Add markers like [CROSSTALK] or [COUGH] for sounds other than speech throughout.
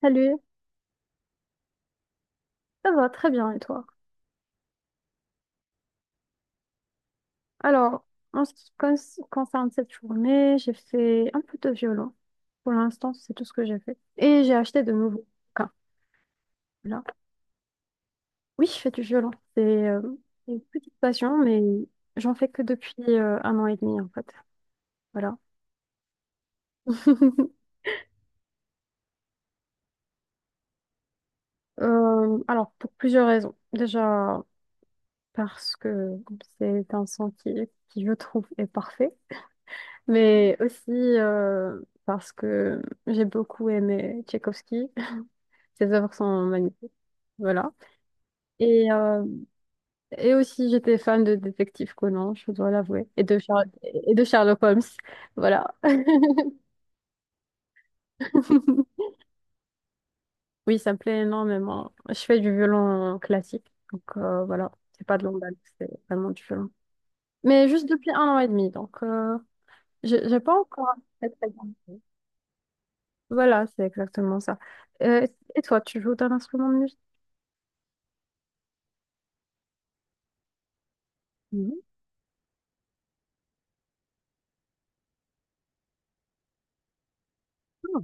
Salut, ça va très bien et toi? Alors, en ce qui concerne cette journée, j'ai fait un peu de violon. Pour l'instant, c'est tout ce que j'ai fait. Et j'ai acheté de nouveaux bouquins. Là. Oui, je fais du violon. C'est euh, une petite passion, mais j'en fais que depuis un an et demi en fait. Voilà. [LAUGHS] Alors, pour plusieurs raisons. Déjà, parce que c'est un son qui, je trouve, est parfait. Mais aussi parce que j'ai beaucoup aimé Tchaïkovski. Ses œuvres sont magnifiques. Voilà. Et, euh, et aussi, j'étais fan de Détective Conan, je dois l'avouer, et de Sherlock Holmes. Voilà. [LAUGHS] Oui, ça me plaît énormément. Je fais du violon classique, donc voilà, c'est pas de l'emballe, c'est vraiment du violon. Mais juste depuis un an et demi, donc j'ai pas encore très très bien joué. Voilà, c'est exactement ça. Euh, et toi, tu joues d'un instrument de musique? Mhm. Ah,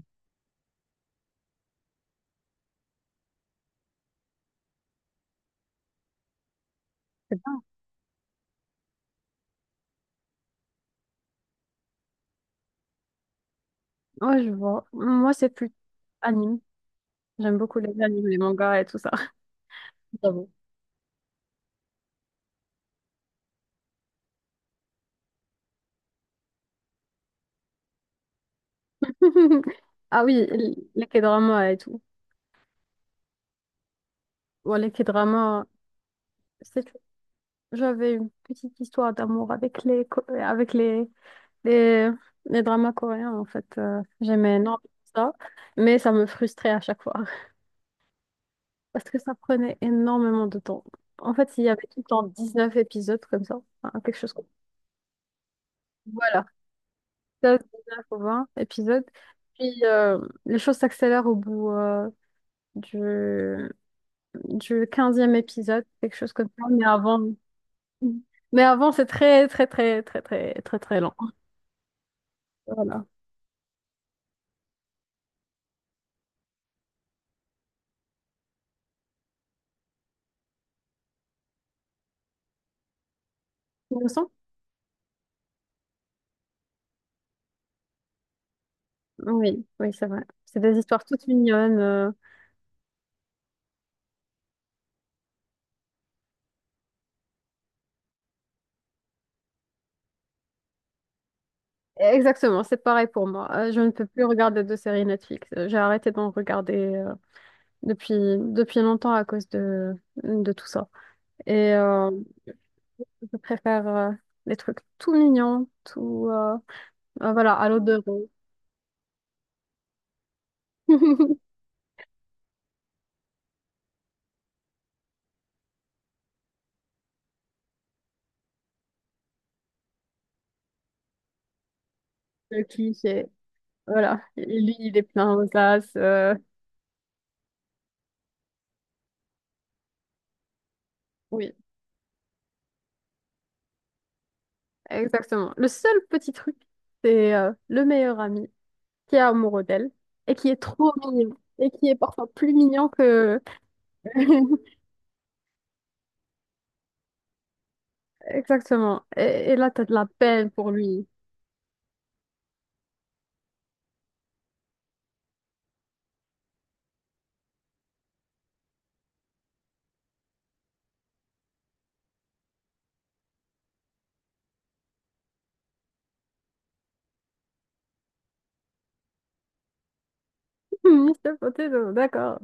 c'est bien. Ouais, je vois. Moi, c'est plus anime. J'aime beaucoup les animes, les mangas et tout ça. Bravo. [LAUGHS] Ah oui, les K-dramas et tout. Bon, les K-dramas, c'est que j'avais une petite histoire d'amour avec les avec les... les dramas coréens en fait. J'aimais énormément ça, mais ça me frustrait à chaque fois [LAUGHS] parce que ça prenait énormément de temps. En fait, il y avait tout le temps 19 épisodes comme ça. Enfin, quelque chose comme... Voilà, 19 ou 20 épisodes. Puis les choses s'accélèrent au bout du du 15e épisode, quelque chose comme ça. Mais avant, c'est très, très, très, très, très, très, très lent. Voilà. Innocent? Oui, oui, c'est vrai. C'est des histoires toutes mignonnes. Exactement, c'est pareil pour moi. Je ne peux plus regarder de séries Netflix. J'ai arrêté d'en regarder depuis, depuis longtemps à cause de tout ça. Et je préfère les trucs tout mignons, tout... voilà, à l'eau de rose. [LAUGHS] Le cliché. Voilà. Et lui, il est plein aux as. Oui, exactement. Le seul petit truc, c'est le meilleur ami qui est amoureux d'elle et qui est trop mignon et qui est parfois plus mignon que... [LAUGHS] Exactement. Et là, t'as de la peine pour lui. [LAUGHS] M. Potato, d'accord.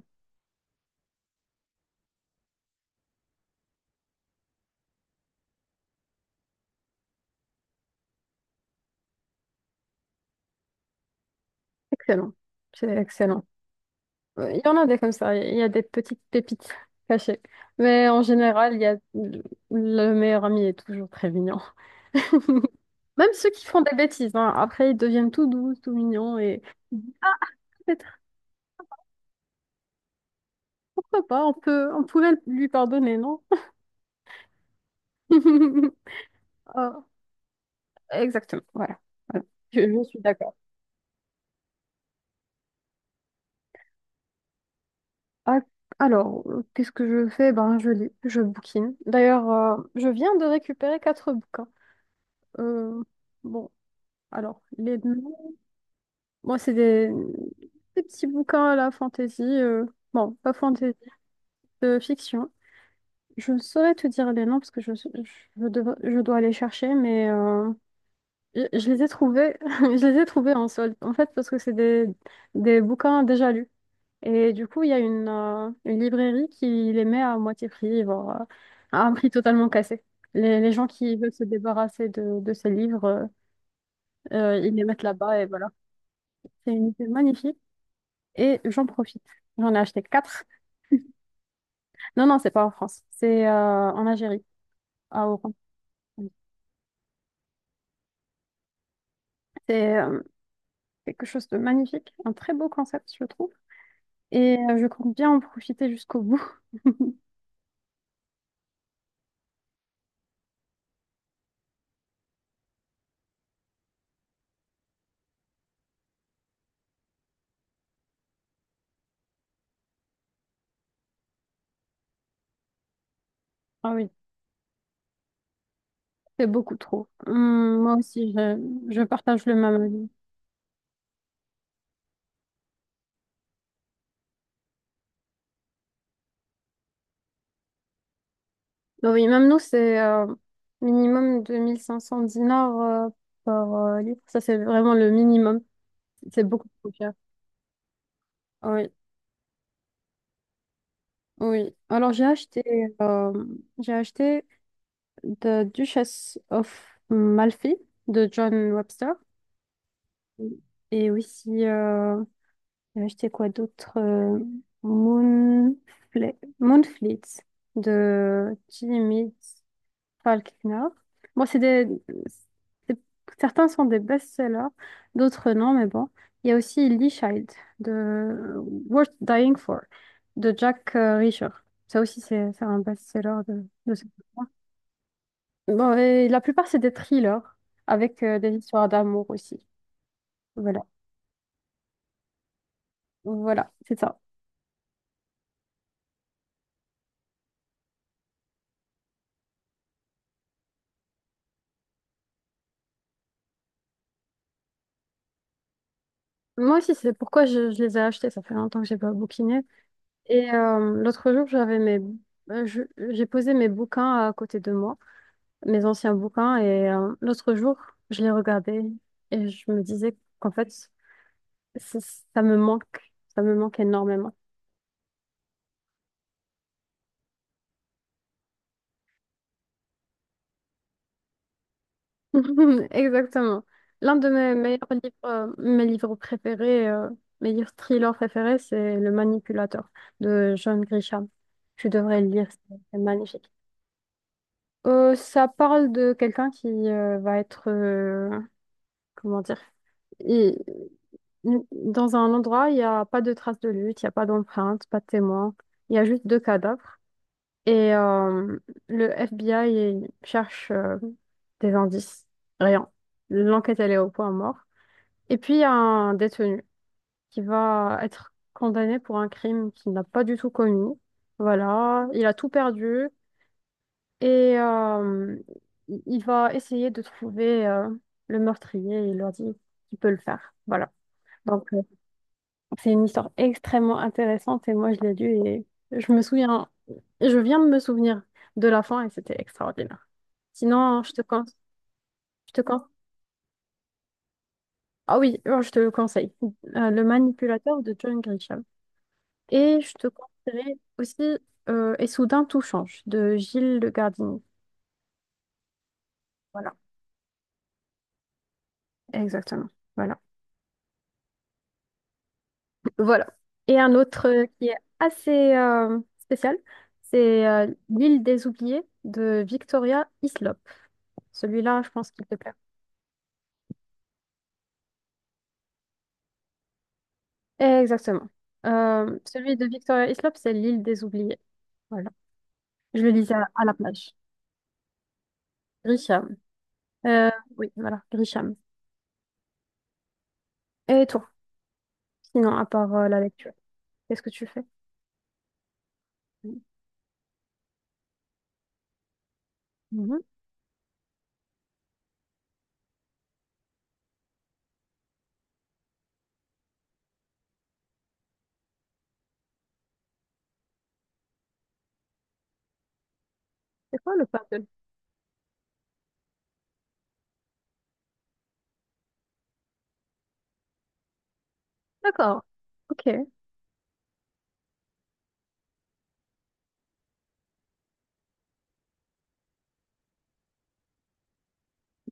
Excellent. C'est excellent. Il y en a des comme ça. Il y a des petites pépites cachées. Mais en général, il y a le meilleur ami est toujours très mignon. [LAUGHS] Même ceux qui font des bêtises, hein, après, ils deviennent tout doux, tout mignons et... Pourquoi pas? On pouvait lui pardonner, non? [LAUGHS] Ah, exactement, voilà. Voilà. Je suis d'accord. Ah, alors, qu'est-ce que je fais? Ben, je lis, je bouquine. D'ailleurs, je viens de récupérer quatre bouquins. Euh, bon, alors, les noms, moi, des petits bouquins à la fantaisie. Pas fantaisie, de fiction. Je ne saurais te dire les noms parce que je dois aller chercher, mais je les ai trouvés, [LAUGHS] je les ai trouvés en solde, en fait, parce que des bouquins déjà lus. Et du coup, il y a une librairie qui les met à moitié prix, voire à un prix totalement cassé. Les gens qui veulent se débarrasser de ces livres, ils les mettent là-bas et voilà. C'est une idée magnifique et j'en profite. J'en ai acheté quatre. Non, non, c'est pas en France, c'est en Algérie, à Oran. C'est quelque chose de magnifique, un très beau concept, je trouve. Et je compte bien en profiter jusqu'au bout. Ah oui. C'est beaucoup trop. Moi aussi, je partage le même avis. Bah oui, même nous, c'est minimum 2 500 dinars euh, par livre. Ça, c'est vraiment le minimum. C'est beaucoup trop cher. Ah oui, oui. Alors, euh, j'ai acheté The Duchess of Malfi de John Webster. Et aussi, j'ai acheté quoi d'autre? Moonfleet de Jimmy. Pas le Knorr. Bon, c'est- certains sont des best-sellers, d'autres non, mais bon. Il y a aussi Lee Child de Worth Dying For de Jack Reacher. Ça aussi, c'est un best-seller de ce moment. Bon, et la plupart, c'est des thrillers avec des histoires d'amour aussi. Voilà. Voilà, c'est ça. Moi aussi, c'est pourquoi je les ai achetés. Ça fait longtemps que j'ai pas bouquiné. Et l'autre jour, euh, je- j'ai posé mes bouquins à côté de moi, mes anciens bouquins. Et l'autre jour, je les regardais et je me disais qu'en fait, ça ça me manque, ça me manque énormément. [LAUGHS] Exactement. L'un de mes meilleurs livres, mes livres préférés, mes livres thrillers préférés, c'est Le Manipulateur de John Grisham. Tu devrais le lire, c'est magnifique. Ça parle de quelqu'un qui va être, comment dire, il- dans un endroit, il n'y a pas de traces de lutte, il n'y a pas d'empreinte, pas de témoins, il y a juste deux cadavres. Et le FBI cherche des indices, rien. L'enquête, elle est au point mort. Et puis, il y a un détenu qui va être condamné pour un crime qu'il n'a pas du tout commis. Voilà, il a tout perdu et il va essayer de trouver le meurtrier et il leur dit qu'il peut le faire. Voilà. Donc, c'est une histoire extrêmement intéressante et moi, je l'ai lue et je me souviens, je viens de me souvenir de la fin et c'était extraordinaire. Sinon, je te con- ah oui, je te le conseille. Le Manipulateur de John Grisham. Et je te conseillerais aussi Et soudain tout change de Gilles Le Gardinier. Voilà, exactement. Voilà. Voilà. Et un autre qui est assez spécial, c'est L'île des oubliés de Victoria Hislop. Celui-là, je pense qu'il te plaît. Exactement. Celui de Victoria Hislop c'est L'île des oubliés. Voilà. Je le lisais à la plage. Grisham. Euh, oui, voilà, Grisham. Et toi, sinon, à part la lecture, qu'est-ce que tu fais? Mhm. C'est quoi le pape? D'accord. Ok.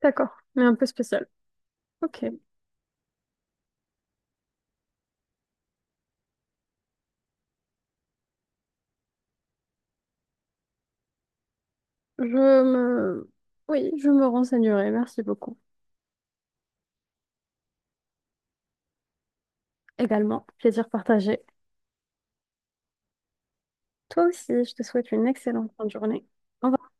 D'accord. Mais un peu spécial. Ok. Je me... oui, je me renseignerai. Merci beaucoup. Également, plaisir partagé. Toi aussi, je te souhaite une excellente fin de journée. Au revoir.